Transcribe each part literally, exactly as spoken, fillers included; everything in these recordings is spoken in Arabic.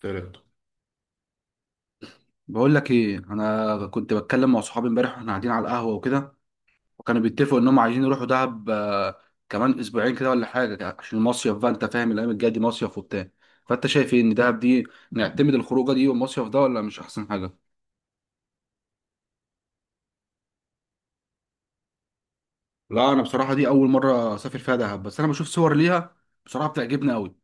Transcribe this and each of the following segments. تلاتة. بقول لك ايه، انا كنت بتكلم مع صحابي امبارح واحنا قاعدين على القهوه وكده، وكانوا بيتفقوا انهم عايزين يروحوا دهب آه، كمان اسبوعين كده ولا حاجه، عشان المصيف بقى. انت فاهم، الايام الجايه دي مصيف وبتاع. فانت شايف ايه، ان دهب دي نعتمد الخروجه دي والمصيف ده ولا مش احسن حاجه؟ لا، أنا بصراحة دي أول مرة أسافر فيها دهب، بس أنا بشوف صور ليها بصراحة بتعجبني أوي.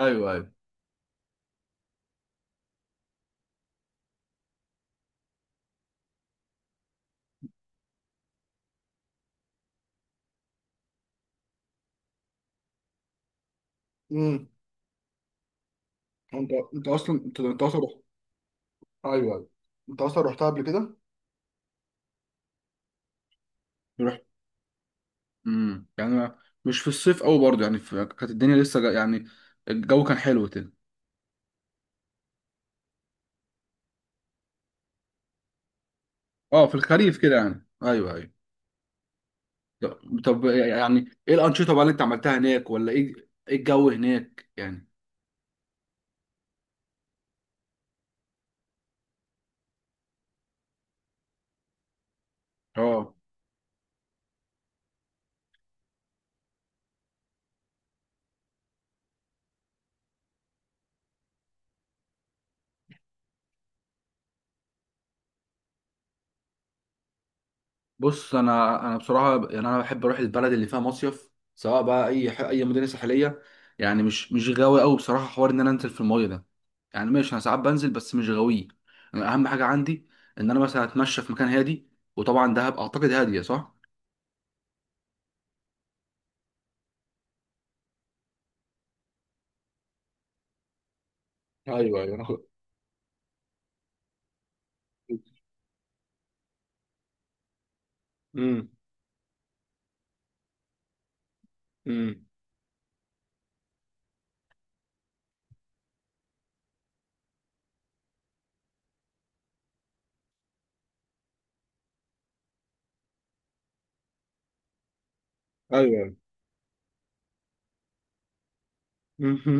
ايوه، ايوه. امم. انت انت اصلا انت انت اصلا رحت؟ ايوه، ايوه. انت اصلا رحتها قبل كده؟ امم يعني مش في الصيف قوي برضه، يعني في... كانت الدنيا لسه جا... يعني الجو كان حلو كده. اه، في الخريف كده يعني. ايوه، ايوه. طب طب، يعني ايه الانشطه بقى اللي انت عملتها هناك ولا ايه؟ ايه الجو هناك يعني؟ اه. بص، انا انا بصراحه يعني انا بحب اروح البلد اللي فيها مصيف، سواء بقى اي ح... اي مدينه ساحليه. يعني مش مش غاوي قوي بصراحه حوار ان انا انزل في المايه ده. يعني ماشي، انا ساعات بنزل بس مش غاوي. اهم حاجه عندي ان انا مثلا اتمشى في مكان هادي. وطبعا دهب اعتقد هاديه، صح؟ ايوه، ايوه، انا خد. امم. امم. ايوه. امم.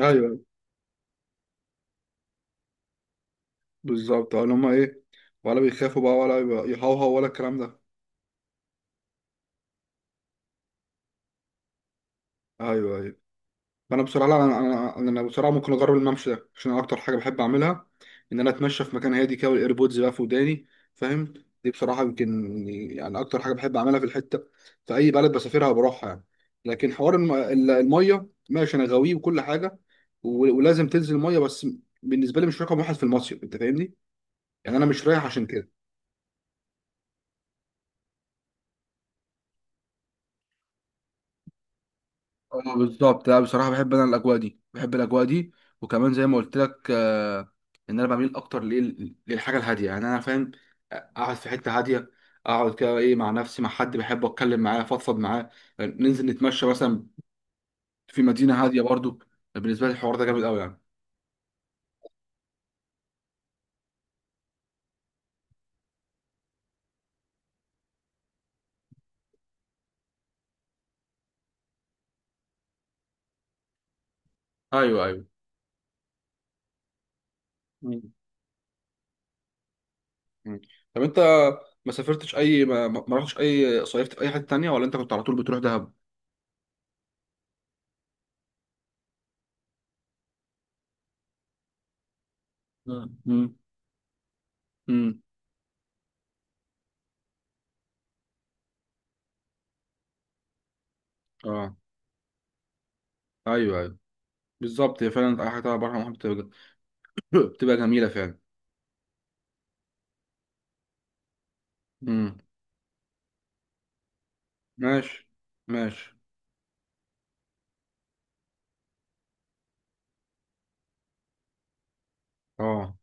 ايوه. بالظبط، ولا هما ايه، ولا بيخافوا بقى ولا يبقى- يهوهوا ولا الكلام ده؟ ايوه، ايوه. فانا بصراحه لا، انا انا انا أنا بصراحه ممكن اجرب الممشى ده، عشان أنا اكتر حاجه بحب اعملها ان انا اتمشى في مكان هادي كده والايربودز بقى في وداني، فاهم؟ دي بصراحه يمكن يعني اكتر حاجه بحب اعملها في الحته، في اي بلد بسافرها بروحها يعني. لكن حوار الم- ال- الميه، ماشي، انا غاويه وكل حاجه، و- ولازم تنزل الميه بس. بالنسبه لي مش رقم واحد في المصيف، انت فاهمني؟ يعني انا مش رايح عشان كده. اه، بالظبط. لا، بصراحه بحب انا الاجواء دي، بحب الاجواء دي. وكمان زي ما قلت لك، آه، ان انا بميل اكتر لل- للحاجه الهاديه، يعني انا فاهم. اقعد في حته هاديه، اقعد كده ايه مع نفسي، مع حد بحبه اتكلم معاه افضفض معاه. آه، ننزل نتمشى مثلا في مدينه هاديه برضو. بالنسبه لي الحوار ده جامد قوي يعني. ايوه، ايوه. مم. مم. طب انت ما سافرتش اي ما ما- ما رحتش اي، صيفت في اي حته تانية ولا انت كنت على طول بتروح دهب؟ مم. مم. مم. اه، ايوه، ايوه، بالظبط. هي فعلا اي حاجة على بحر محمد بتبقى بتبقى جميلة فعلا. امم. ماشي، ماشي. اه.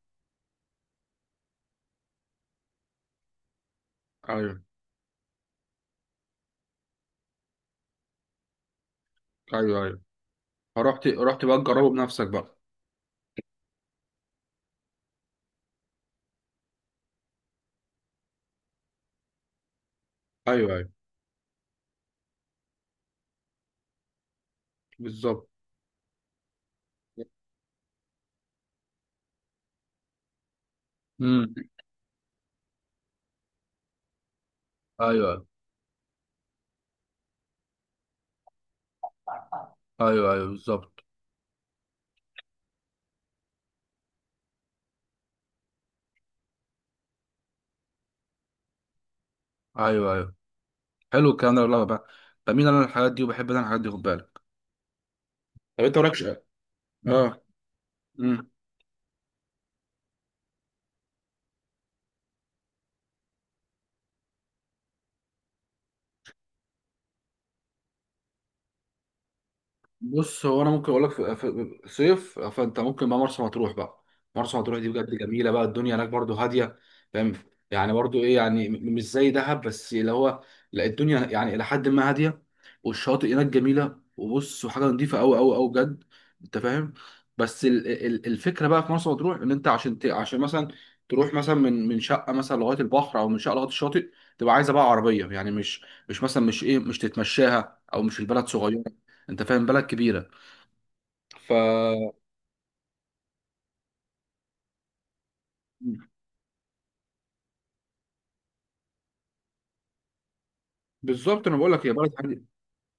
ايوه، ايوه. ايوه، رحت رحت بقى تجربه بنفسك بقى. ايوه، ايوه، بالظبط. امم. ايوه، ايوه، ايوه، بالظبط. ايوه، ايوه. حلو الكلام ده والله بقى. بميل انا الحاجات دي وبحب انا الحاجات دي، خد بالك. طب انت مالكش. اه. امم. بص، هو انا ممكن اقول لك في في- صيف، فانت ممكن بقى مرسى مطروح بقى. مرسى مطروح دي بجد جميله بقى، الدنيا هناك برضو هاديه، فاهم؟ يعني برضو ايه يعني، م- مش زي دهب، بس اللي هو، لا، الدنيا يعني الى حد ما هاديه، والشاطئ هناك جميله، وبص، وحاجه نظيفه قوي قوي قوي بجد، انت فاهم. بس ال- ال- الفكره بقى في مرسى مطروح ان انت عشان ت- عشان مثلا تروح مثلا من من شقه مثلا لغايه البحر، او من شقه لغايه الشاطئ، تبقى عايزه بقى عربيه. يعني مش مش مثلا، مش ايه، مش تتمشاها، او مش البلد صغيره، انت فاهم، بلد كبيره. ف بالظبط انا بقول لك هي بلد هاديه.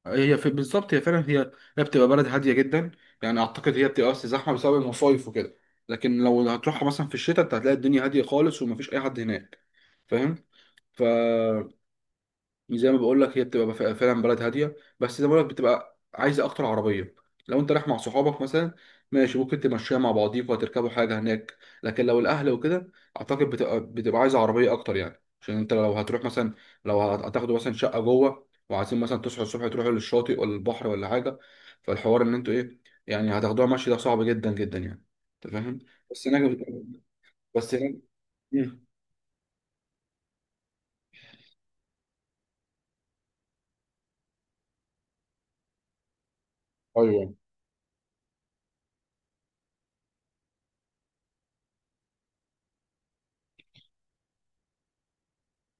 هي في بالظبط هي فعلا هي، هي بتبقى بلد هاديه جدا. يعني اعتقد هي بتبقى بس زحمه بسبب المصايف وكده، لكن لو هتروحها مثلا في الشتاء انت هتلاقي الدنيا هاديه خالص ومفيش اي حد هناك، فاهم؟ ف زي ما بقول لك هي بتبقى ف- فعلا بلد هاديه، بس زي ما بقول لك بتبقى عايزه اكتر عربيه. لو انت رايح مع صحابك مثلا ماشي، ممكن تمشيها مع بعضيكوا وتركبوا حاجه هناك، لكن لو الاهل وكده اعتقد بتبقى بتبقى عايزه عربيه اكتر، يعني عشان انت لو هتروح مثلا، لو هت- هتاخدوا مثلا شقه جوه، وعايزين مثلا تصحوا الصبح تروحوا للشاطئ ولا البحر ولا حاجه، فالحوار ان انتوا ايه، يعني هتاخدوها مشي، ده صعب جدا جدا يعني، انت فاهم. بس هناك بس هناك. مم. ايوه.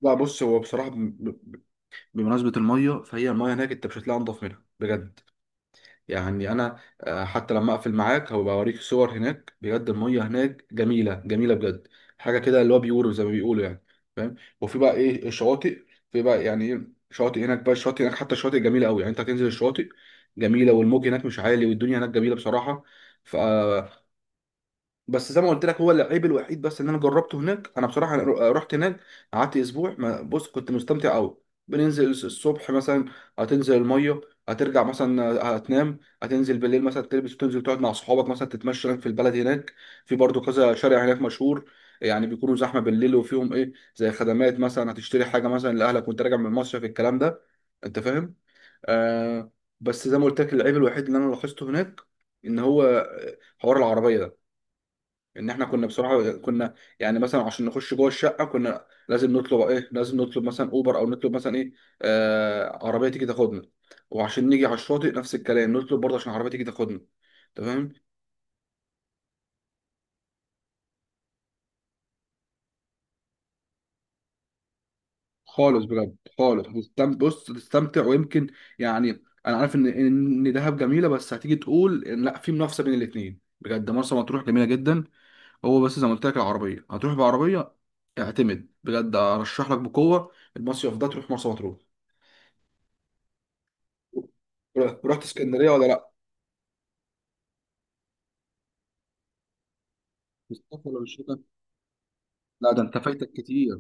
لا، بص، هو بصراحه بمناسبة المية، فهي المية هناك أنت مش هتلاقي أنضف منها بجد. يعني أنا آه، حتى لما أقفل معاك هبقى أوريك صور هناك بجد، المية هناك جميلة جميلة بجد، حاجة كده اللي هو بيقولوا زي ما بيقولوا يعني، فاهم؟ وفي بقى إيه الشواطئ، في بقى يعني إيه شواطئ هناك بقى، الشواطئ هناك، حتى الشواطئ جميلة أوي يعني، أنت هتنزل الشواطئ جميلة، والموج هناك مش عالي، والدنيا هناك جميلة بصراحة. ف بس زي ما قلت لك هو العيب الوحيد بس ان انا جربته هناك انا بصراحه. رحت هناك، قعدت اسبوع، ما بص كنت مستمتع قوي. بننزل الس- الصبح مثلا، هتنزل الميه، هترجع مثلا، آه، هتنام، هتنزل بالليل مثلا تلبس وتنزل تقعد مع صحابك، مثلا تتمشى هناك في البلد هناك. في برضو كذا شارع هناك مشهور، يعني بيكونوا زحمه بالليل وفيهم ايه زي خدمات، مثلا هتشتري حاجه مثلا لاهلك وانت راجع من مصر في الكلام ده، انت فاهم. آه بس زي ما قلت لك العيب الوحيد اللي انا لاحظته هناك ان هو، آه، حوار العربيه ده. ان احنا كنا بصراحه كنا، يعني مثلا عشان نخش جوه الشقه كنا لازم نطلب ايه، لازم نطلب مثلا اوبر او نطلب مثلا ايه، آه عربيه تيجي تاخدنا، وعشان نيجي على الشاطئ نفس الكلام، نطلب برضه عشان عربيه تيجي تاخدنا. تمام. خالص بجد خالص هتستم- بص تستمتع ويمكن، يعني انا عارف ان ان دهب جميله، بس هتيجي تقول إن لا، في منافسه بين الاثنين، بجد مرسى مطروح جميله جدا. هو بس زي ما قلت لك، العربيه هتروح بعربيه. اعتمد بجد، ارشح لك بقوه المصيف ده، تروح مرسى مطروح. رحت اسكندريه ولا لا؟ السفر والشتاء، لا، ده انت فايتك كتير.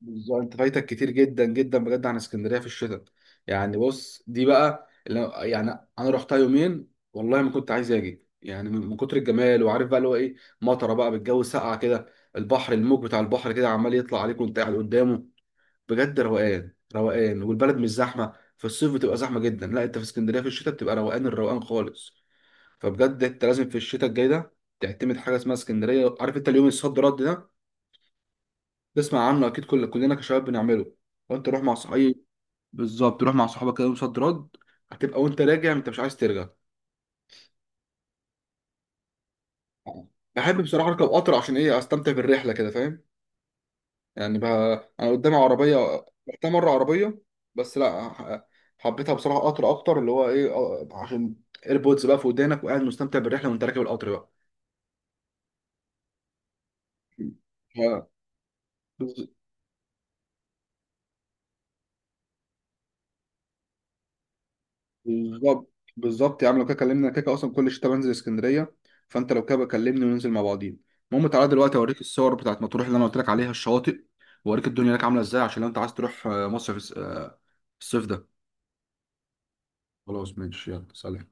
بالظبط، انت فايتك كتير جدا جدا بجد عن اسكندريه في الشتاء. يعني بص دي بقى اللي يعني، انا رحتها يومين والله ما كنت عايز اجي، يعني من من كتر الجمال. وعارف بقى اللي هو ايه، مطره بقى بالجو، ساقعه كده، البحر، الموج بتاع البحر كده عمال يطلع عليك وانت قاعد قدامه، بجد روقان روقان، والبلد مش زحمه. في الصيف بتبقى زحمه جدا، لا، انت في اسكندريه في الشتاء بتبقى روقان الروقان خالص. فبجد انت لازم في الشتاء الجاي ده تعتمد حاجه اسمها اسكندريه. عارف انت اليوم الصد رد ده، تسمع عنه اكيد، كل كلنا كشباب بنعمله. وانت روح مع صحابي، بالظبط تروح مع صحابك كده يوم صد رد، هتبقى وانت راجع انت مش عايز ترجع. بحب بصراحه اركب قطر عشان ايه، استمتع بالرحله كده، فاهم؟ يعني بقى انا قدامي عربيه، رحتها مره عربيه، بس لا ح- حبيتها بصراحه قطر اكتر، اللي هو ايه، اه، عشان ايربودز بقى في ودانك وقاعد مستمتع بالرحله وانت راكب القطر بقى. ف- بالظبط. بالظبط يا عم، لو كده كلمني، انا كده اصلا كل شتاء بنزل اسكندريه، فانت لو كده بكلمني وننزل مع بعضين. المهم، تعالى دلوقتي اوريك الصور بتاعت مطروح اللي انا قلت لك عليها الشواطئ، واوريك الدنيا هناك عامله ازاي، عشان لو انت عايز تروح آه، مصر في الس- آه، الصيف ده. خلاص ماشي، يلا سلام.